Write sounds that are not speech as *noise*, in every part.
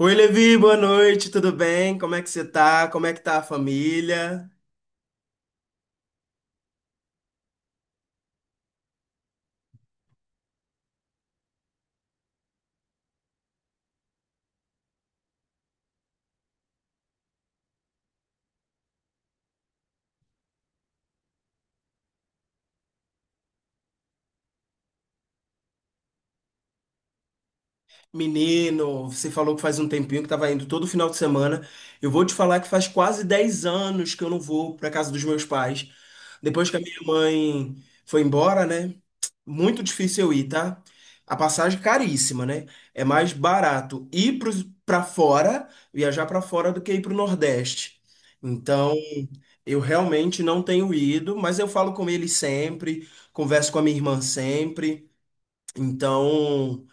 Oi, Levi, boa noite, tudo bem? Como é que você tá? Como é que tá a família? Menino, você falou que faz um tempinho que tava indo todo final de semana. Eu vou te falar que faz quase 10 anos que eu não vou pra casa dos meus pais. Depois que a minha mãe foi embora, né? Muito difícil eu ir, tá? A passagem caríssima, né? É mais barato pra fora, viajar pra fora do que ir pro Nordeste. Então, eu realmente não tenho ido, mas eu falo com ele sempre, converso com a minha irmã sempre. Então,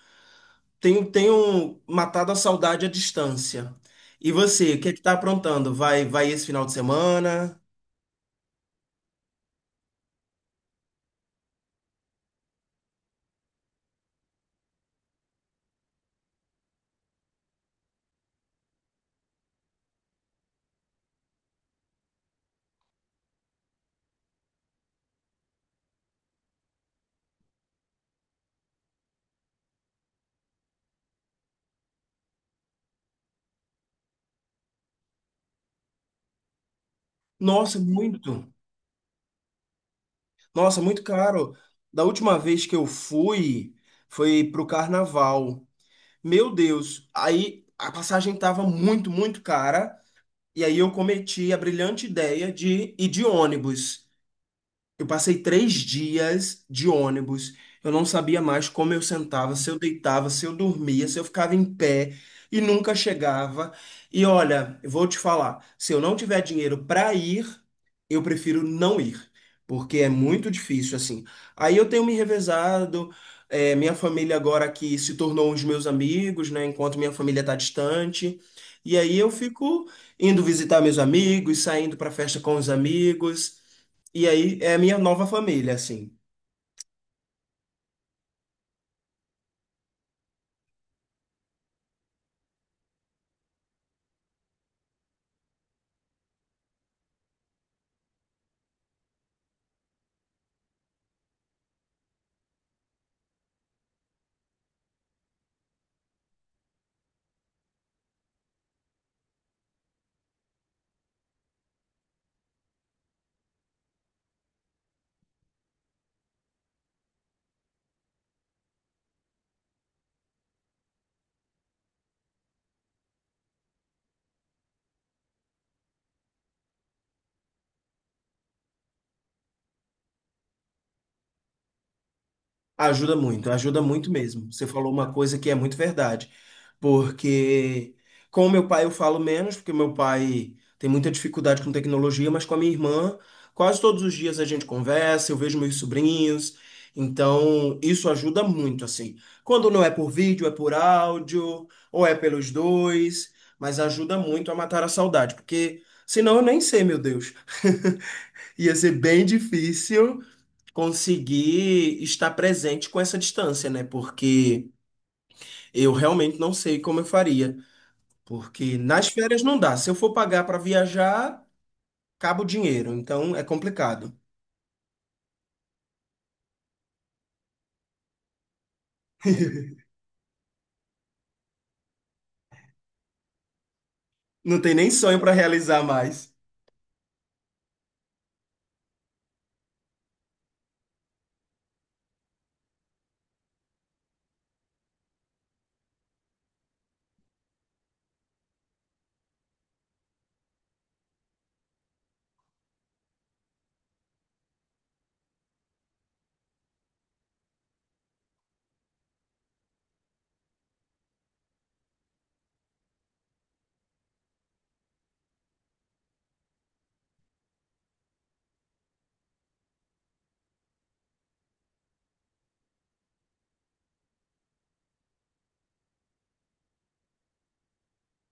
tenho matado a saudade à distância. E você, o que é que tá aprontando? Vai esse final de semana? Nossa, muito. Nossa, muito caro. Da última vez que eu fui, foi pro carnaval. Meu Deus, aí a passagem tava muito, muito cara. E aí eu cometi a brilhante ideia de ir de ônibus. Eu passei 3 dias de ônibus. Eu não sabia mais como eu sentava, se eu deitava, se eu dormia, se eu ficava em pé e nunca chegava. E olha, eu vou te falar, se eu não tiver dinheiro para ir, eu prefiro não ir, porque é muito difícil assim. Aí eu tenho me revezado, é, minha família agora que se tornou os meus amigos, né? Enquanto minha família está distante. E aí eu fico indo visitar meus amigos, saindo para festa com os amigos. E aí é a minha nova família, assim. Ajuda muito mesmo. Você falou uma coisa que é muito verdade. Porque com o meu pai eu falo menos, porque meu pai tem muita dificuldade com tecnologia, mas com a minha irmã, quase todos os dias a gente conversa, eu vejo meus sobrinhos. Então, isso ajuda muito, assim. Quando não é por vídeo, é por áudio, ou é pelos dois, mas ajuda muito a matar a saudade, porque senão eu nem sei, meu Deus. *laughs* Ia ser bem difícil conseguir estar presente com essa distância, né? Porque eu realmente não sei como eu faria. Porque nas férias não dá. Se eu for pagar para viajar, acaba o dinheiro. Então é complicado. Não tem nem sonho para realizar mais.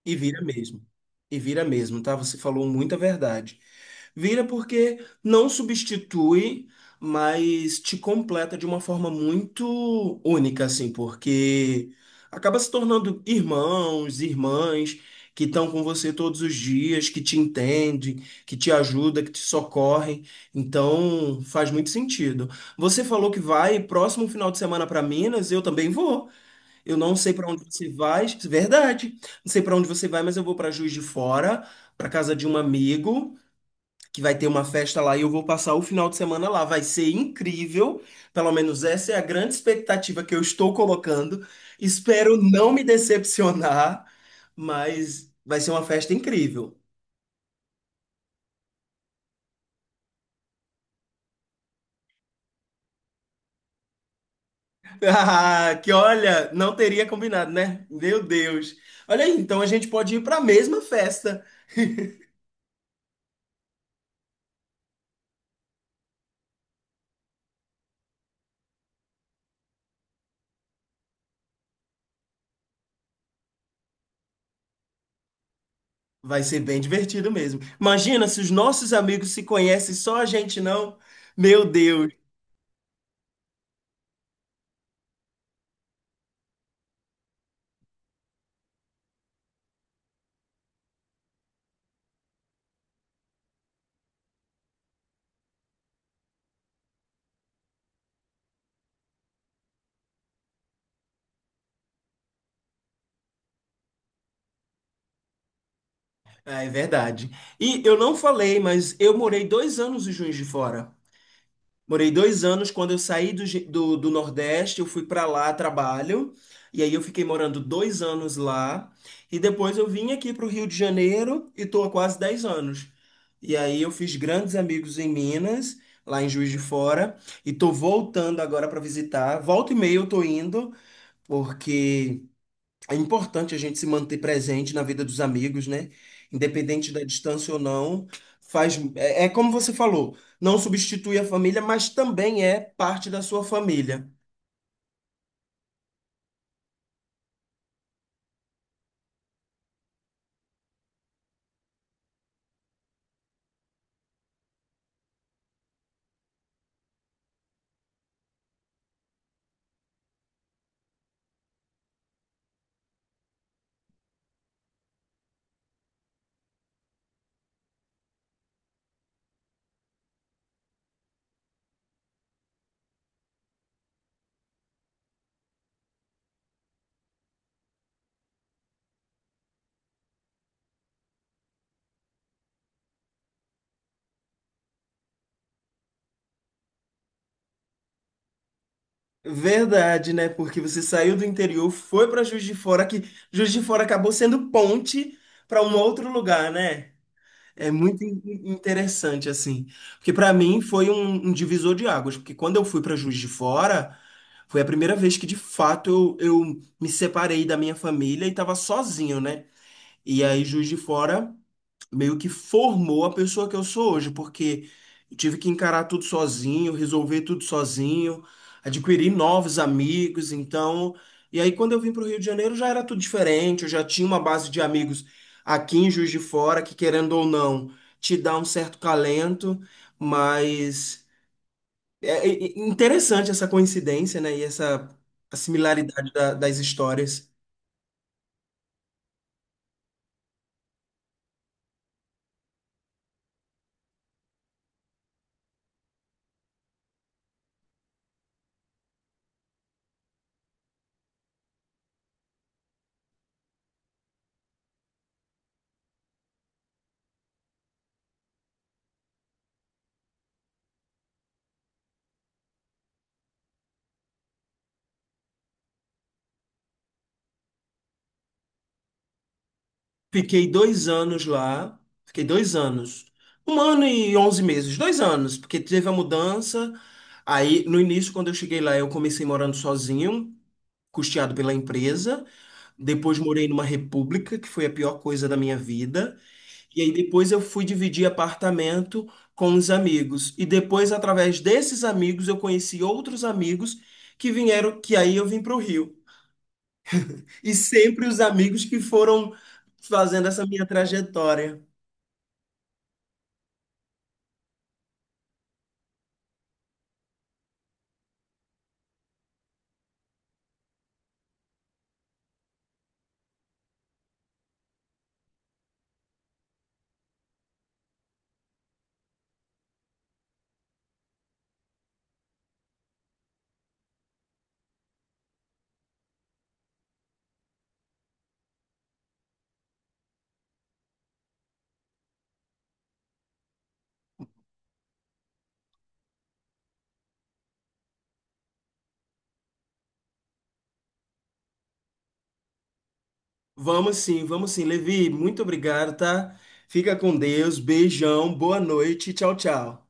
E vira mesmo. E vira mesmo, tá? Você falou muita verdade. Vira porque não substitui, mas te completa de uma forma muito única, assim, porque acaba se tornando irmãos, irmãs que estão com você todos os dias, que te entendem, que te ajudam, que te socorrem. Então, faz muito sentido. Você falou que vai próximo final de semana para Minas, eu também vou. Eu não sei para onde você vai, verdade. Não sei para onde você vai, mas eu vou para Juiz de Fora, para casa de um amigo, que vai ter uma festa lá e eu vou passar o final de semana lá. Vai ser incrível. Pelo menos essa é a grande expectativa que eu estou colocando. Espero não me decepcionar, mas vai ser uma festa incrível. *laughs* Ah, que olha, não teria combinado, né? Meu Deus. Olha aí, então a gente pode ir para a mesma festa. Vai ser bem divertido mesmo. Imagina se os nossos amigos se conhecem, só a gente não. Meu Deus. Ah, é verdade. E eu não falei, mas eu morei 2 anos em Juiz de Fora. Morei dois anos quando eu saí do Nordeste, eu fui para lá a trabalho. E aí eu fiquei morando 2 anos lá. E depois eu vim aqui para o Rio de Janeiro e estou há quase 10 anos. E aí eu fiz grandes amigos em Minas, lá em Juiz de Fora. E tô voltando agora para visitar. Volta e meia eu tô indo, porque é importante a gente se manter presente na vida dos amigos, né? Independente da distância ou não, faz é, é como você falou, não substitui a família, mas também é parte da sua família. Verdade, né? Porque você saiu do interior, foi para Juiz de Fora, que Juiz de Fora acabou sendo ponte para um outro lugar, né? É muito interessante, assim. Porque para mim foi um divisor de águas. Porque quando eu fui para Juiz de Fora, foi a primeira vez que de fato eu me separei da minha família e estava sozinho, né? E aí, Juiz de Fora meio que formou a pessoa que eu sou hoje, porque eu tive que encarar tudo sozinho, resolver tudo sozinho, adquirir novos amigos, então, e aí quando eu vim para o Rio de Janeiro já era tudo diferente, eu já tinha uma base de amigos aqui em Juiz de Fora que, querendo ou não, te dá um certo calento, mas é interessante essa coincidência, né, e essa a similaridade das histórias. Fiquei 2 anos lá. Fiquei dois anos. Um ano e 11 meses. 2 anos, porque teve a mudança. Aí, no início, quando eu cheguei lá, eu comecei morando sozinho, custeado pela empresa. Depois morei numa república, que foi a pior coisa da minha vida. E aí depois eu fui dividir apartamento com uns amigos. E depois, através desses amigos, eu conheci outros amigos que vieram, que aí eu vim para o Rio. E sempre os amigos que foram fazendo essa minha trajetória. Vamos sim, vamos sim. Levi, muito obrigado, tá? Fica com Deus, beijão, boa noite, tchau, tchau.